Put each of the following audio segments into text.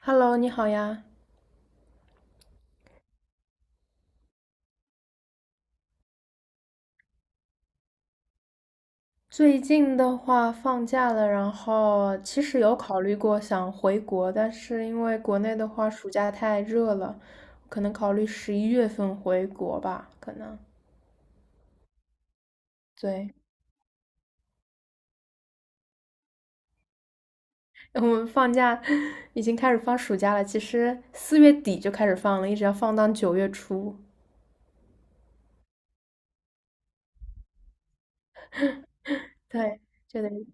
Hello，你好呀。最近的话放假了，然后其实有考虑过想回国，但是因为国内的话暑假太热了，可能考虑11月份回国吧，可能。对，我们放假已经开始放暑假了，其实4月底就开始放了，一直要放到9月初。对，就等于。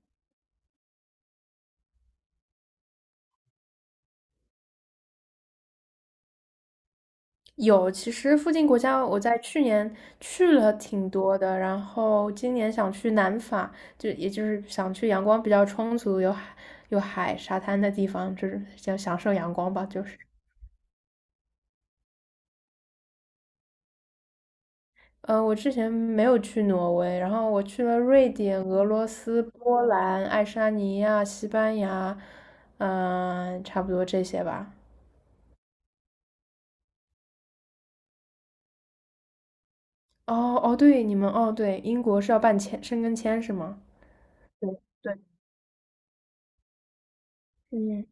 有，其实附近国家我在去年去了挺多的，然后今年想去南法，就也就是想去阳光比较充足、有海、沙滩的地方，就是想享受阳光吧。就是，我之前没有去挪威，然后我去了瑞典、俄罗斯、波兰、爱沙尼亚、西班牙，差不多这些吧。哦哦，对，哦对，英国是要办申根签是吗？对对，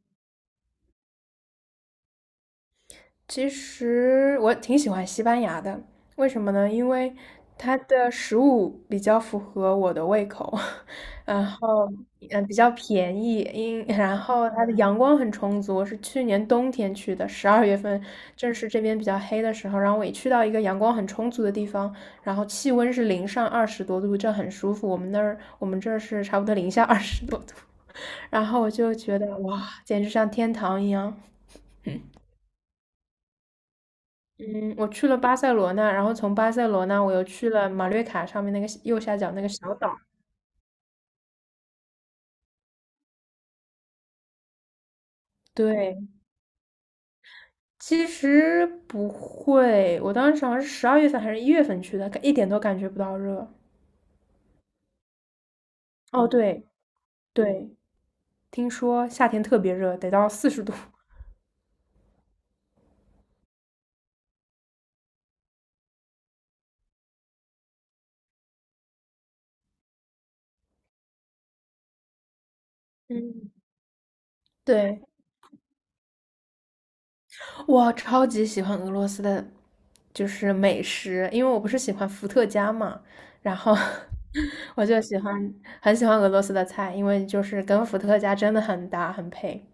其实我挺喜欢西班牙的，为什么呢？因为它的食物比较符合我的胃口，然后比较便宜，然后它的阳光很充足。我是去年冬天去的，十二月份正是这边比较黑的时候，然后我一去到一个阳光很充足的地方，然后气温是零上二十多度，这很舒服。我们这儿是差不多零下二十多度，然后我就觉得哇，简直像天堂一样。嗯，我去了巴塞罗那，然后从巴塞罗那我又去了马略卡上面那个右下角那个小岛。对，其实不会，我当时好像是十二月份还是一月份去的，一点都感觉不到热。哦，对对，听说夏天特别热，得到40度。嗯，对，我超级喜欢俄罗斯的，就是美食，因为我不是喜欢伏特加嘛，然后 我就喜欢很喜欢俄罗斯的菜，因为就是跟伏特加真的很搭很配。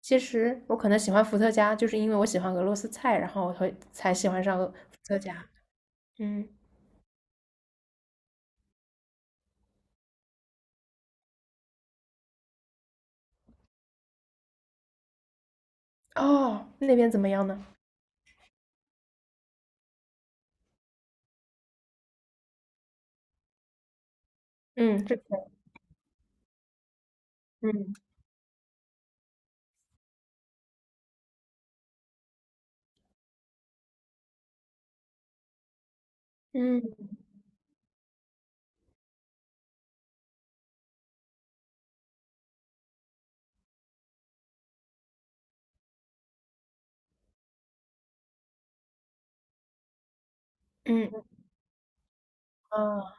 其实我可能喜欢伏特加，就是因为我喜欢俄罗斯菜，然后我才喜欢上伏特加。嗯，哦，那边怎么样呢？嗯，这边，嗯嗯嗯啊，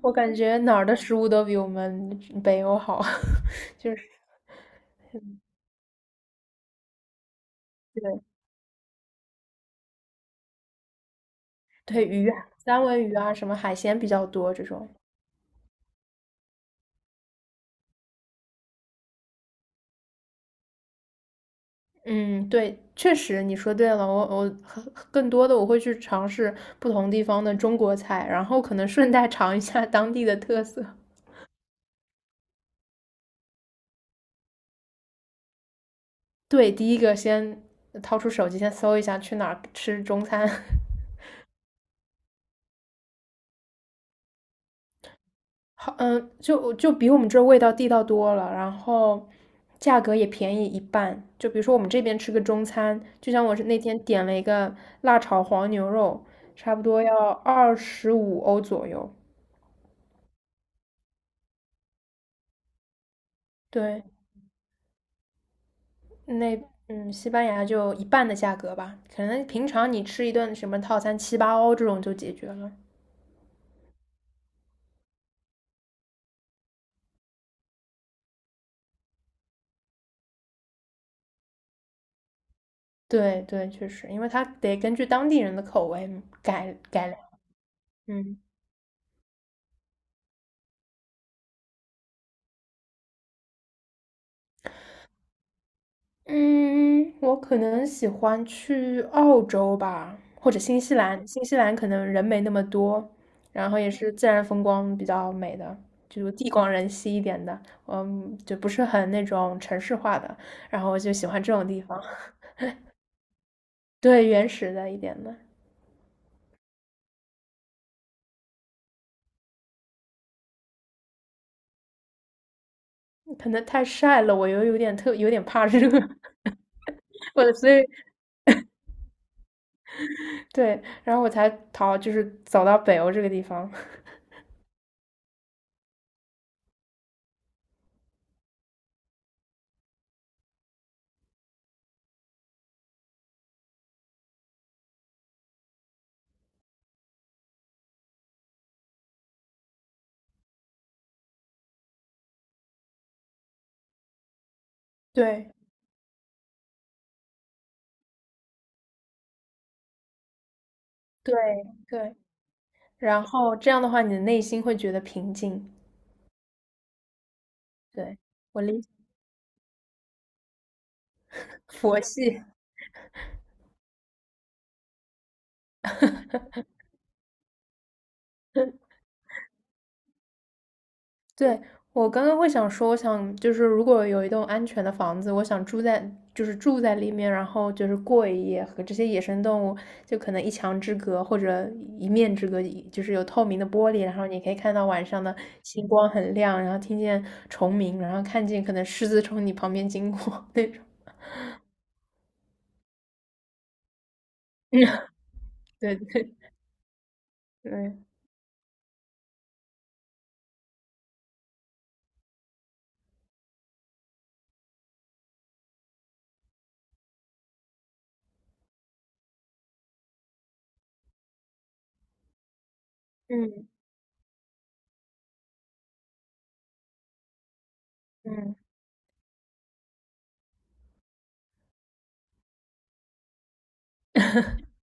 我感觉哪儿的食物都比我们北欧好，就是对对鱼啊三文鱼啊，什么海鲜比较多这种。嗯，对，确实你说对了，我我很更多的我会去尝试不同地方的中国菜，然后可能顺带尝一下当地的特色。对，第一个先掏出手机，先搜一下去哪儿吃中餐。好，嗯，就比我们这味道地道多了，然后价格也便宜一半。就比如说我们这边吃个中餐，就像我是那天点了一个辣炒黄牛肉，差不多要25欧左右。对，那西班牙就一半的价格吧，可能平常你吃一顿什么套餐七八欧这种就解决了。对对，确实，因为它得根据当地人的口味改良。嗯嗯，我可能喜欢去澳洲吧，或者新西兰。新西兰可能人没那么多，然后也是自然风光比较美的，就地广人稀一点的，就不是很那种城市化的。然后我就喜欢这种地方，对，原始的一点的。可能太晒了，我又有点怕热，我所以对，然后我才逃，就是走到北欧这个地方。对对对。然后这样的话，你的内心会觉得平静。对，我理解，佛系。对，我刚刚会想说，我想就是如果有一栋安全的房子，我想住在里面，然后就是过一夜，和这些野生动物就可能一墙之隔或者一面之隔，就是有透明的玻璃，然后你可以看到晚上的星光很亮，然后听见虫鸣，然后看见可能狮子从你旁边经过 那种。对对对，嗯嗯嗯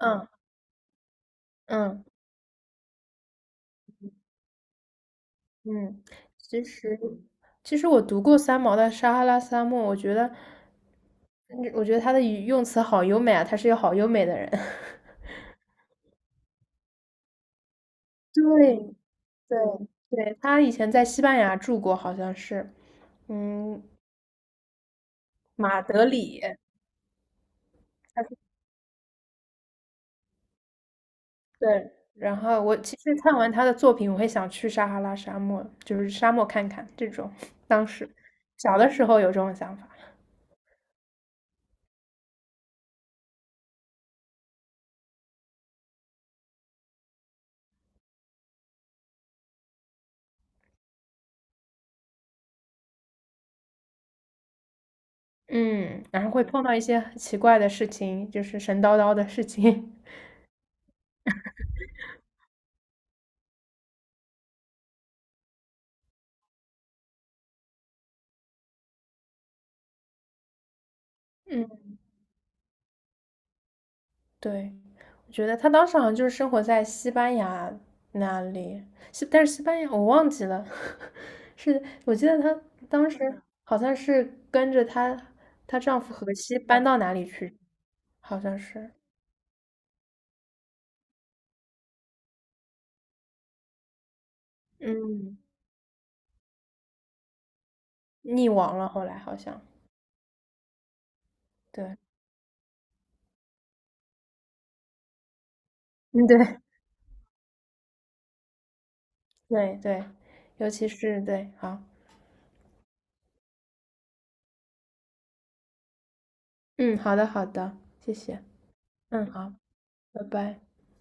嗯。嗯嗯，其实其实我读过三毛的《撒哈拉沙漠》，我觉得他的语用词好优美啊，他是一个好优美的人。对对对，他以前在西班牙住过，好像是，嗯，马德里，他是对。然后我其实看完他的作品，我会想去撒哈拉沙漠，就是沙漠看看这种。当时小的时候有这种想法，嗯，然后会碰到一些很奇怪的事情，就是神叨叨的事情。嗯，对，我觉得她当时好像就是生活在西班牙那里，但是西班牙我忘记了，是我记得她当时好像是跟着她丈夫荷西搬到哪里去，好像是，嗯，溺亡了，后来好像，对，嗯，对，对对，尤其是对，好，嗯，好的好的，谢谢，嗯，好，拜拜。